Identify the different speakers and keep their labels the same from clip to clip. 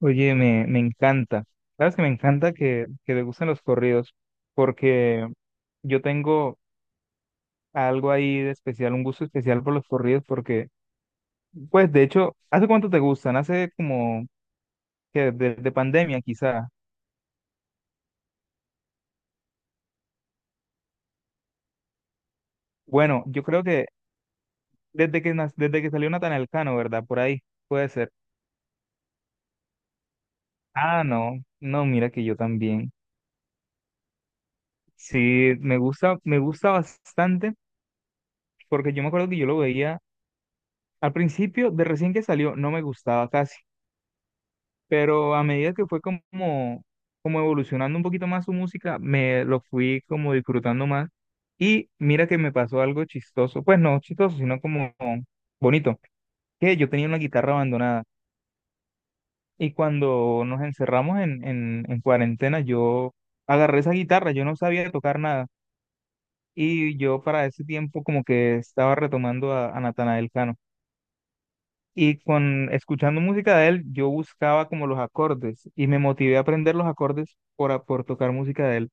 Speaker 1: Oye, me encanta. Sabes que me encanta que te gusten los corridos, porque yo tengo algo ahí de especial, un gusto especial por los corridos, porque, pues, de hecho, ¿hace cuánto te gustan? Hace como que desde pandemia, quizá. Bueno, yo creo que desde que salió Natanael Elcano, ¿verdad? Por ahí, puede ser. Ah, no, no, mira que yo también. Sí, me gusta bastante, porque yo me acuerdo que yo lo veía al principio, de recién que salió, no me gustaba casi. Pero a medida que como evolucionando un poquito más su música, me lo fui como disfrutando más. Y mira que me pasó algo chistoso, pues no chistoso, sino como bonito, que yo tenía una guitarra abandonada y cuando nos encerramos en cuarentena, yo agarré esa guitarra, yo no sabía tocar nada y yo para ese tiempo como que estaba retomando a Natanael Cano. Y con escuchando música de él, yo buscaba como los acordes y me motivé a aprender los acordes por tocar música de él.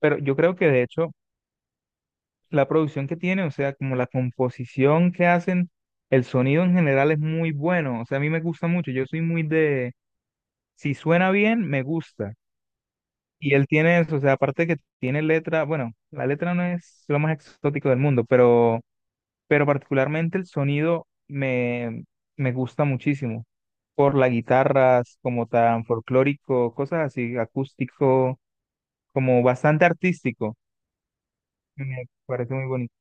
Speaker 1: Pero yo creo que de hecho la producción que tiene, o sea, como la composición que hacen, el sonido en general es muy bueno. O sea, a mí me gusta mucho. Yo soy muy de, si suena bien, me gusta. Y él tiene eso, o sea, aparte de que tiene letra, bueno, la letra no es lo más exótico del mundo, pero particularmente me gusta muchísimo, por las guitarras, como tan folclórico, cosas así, acústico, como bastante artístico, me parece muy bonito.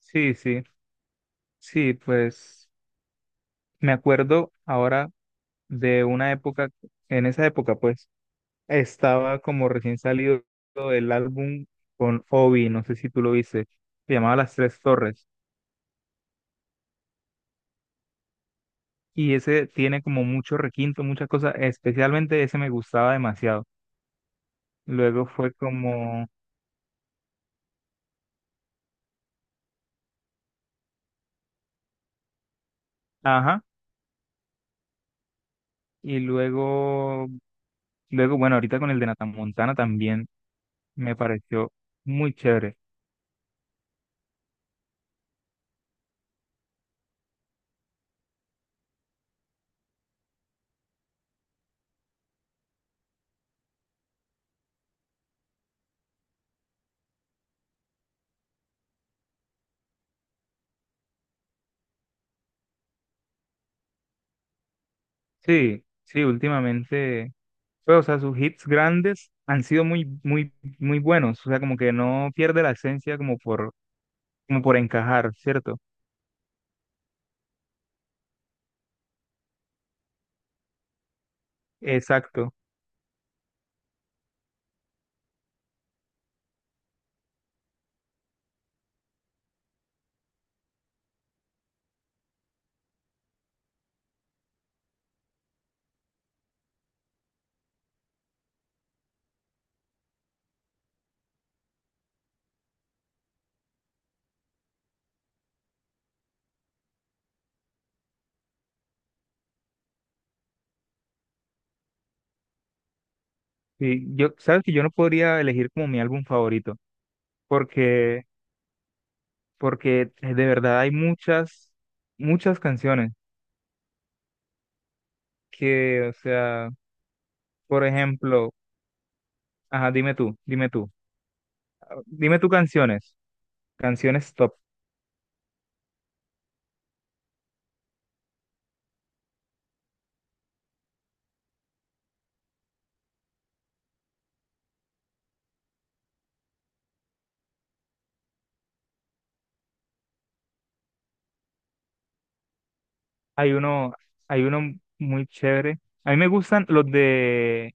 Speaker 1: Sí, sí, sí, pues me acuerdo ahora de una época. En esa época, pues, estaba como recién salido el álbum con Obi, no sé si tú lo viste, se llamaba Las Tres Torres. Y ese tiene como mucho requinto, muchas cosas, especialmente ese me gustaba demasiado. Luego fue como, ajá, y luego, bueno, ahorita con el de Montana también me pareció muy chévere. Sí, sí, últimamente, pues, o sea, sus hits grandes han sido muy buenos, o sea, como que no pierde la esencia como por, como por encajar, ¿cierto? Exacto. Sí, yo, sabes que yo no podría elegir como mi álbum favorito, porque porque de verdad hay muchas, muchas canciones que, o sea, por ejemplo, ajá, dime tú canciones, canciones top. Hay uno, hay uno muy chévere. A mí me gustan los de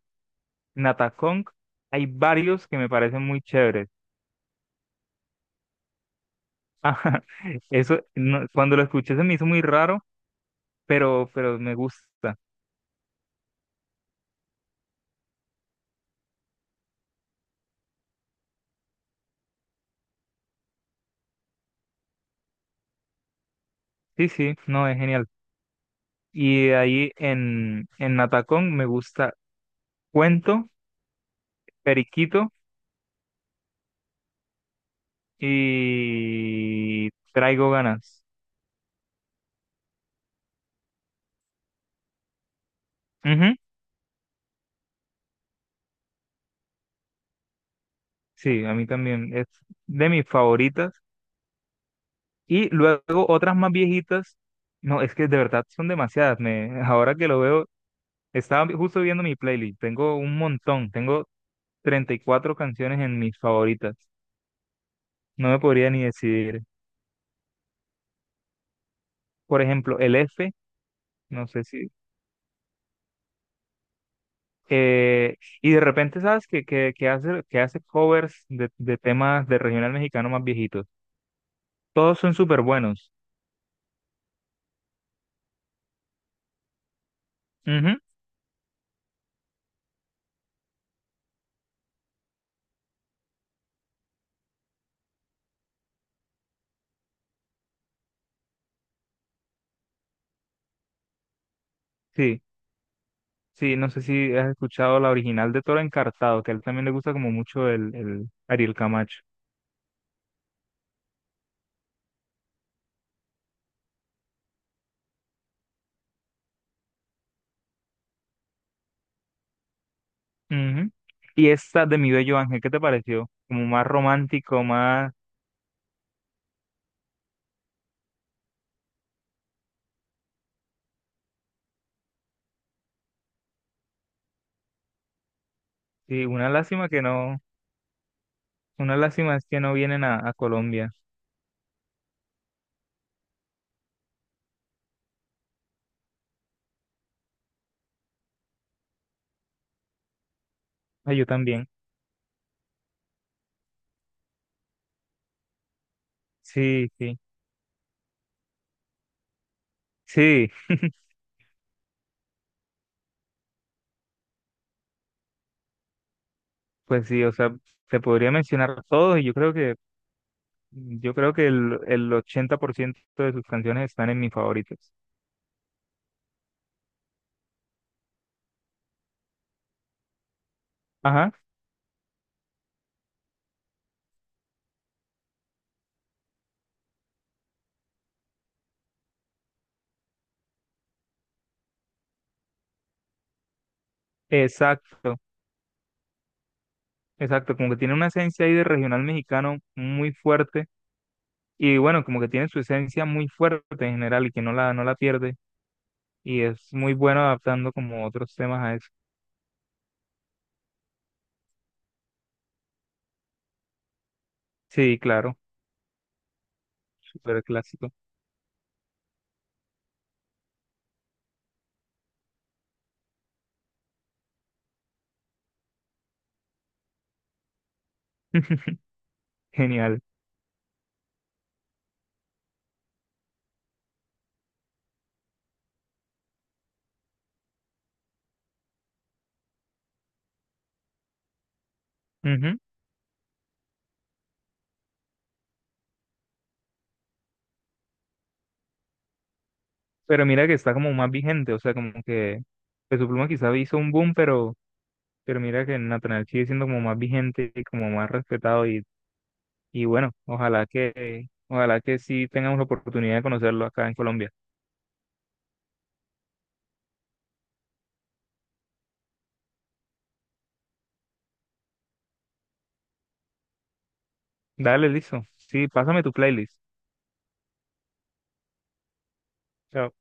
Speaker 1: Nata Kong. Hay varios que me parecen muy chéveres. Ajá, eso, no- cuando lo escuché se me hizo muy raro, pero me gusta. Sí, sí, no, es genial. Y de ahí en Nata me gusta Cuento, Periquito y traigo ganas. Ujú. Sí, a mí también es de mis favoritas. Y luego otras más viejitas, no, es que de verdad son demasiadas. Ahora que lo veo, estaba justo viendo mi playlist, tengo un montón, tengo 34 canciones en mis favoritas. No me podría ni decidir. Por ejemplo, el F, no sé si... eh, y de repente, ¿sabes? Que hace covers de temas de regional mexicano más viejitos. Todos son súper buenos. Sí, sí, no sé si has escuchado la original de Toro Encartado, que a él también le gusta como mucho el Ariel Camacho. Ujú. Y esta de Mi Bello Ángel, ¿qué te pareció? Como más romántico, más... Sí, una lástima es que no vienen a Colombia. Ah, yo también. Sí, sí, sí, pues sí, o sea, te podría mencionar todos y yo creo que el 80% de sus canciones están en mis favoritos. Ajá, exacto. Exacto, como que tiene una esencia ahí de regional mexicano muy fuerte y bueno, como que tiene su esencia muy fuerte en general y que no la pierde y es muy bueno adaptando como otros temas a eso. Sí, claro, súper clásico, genial. Ujú. Pero mira que está como más vigente, o sea, como que Peso Pluma quizá hizo un boom, pero mira que Natanael sigue siendo como más vigente y como más respetado y bueno, ojalá que sí tengamos la oportunidad de conocerlo acá en Colombia. Dale, listo. Sí, pásame tu playlist. Chao.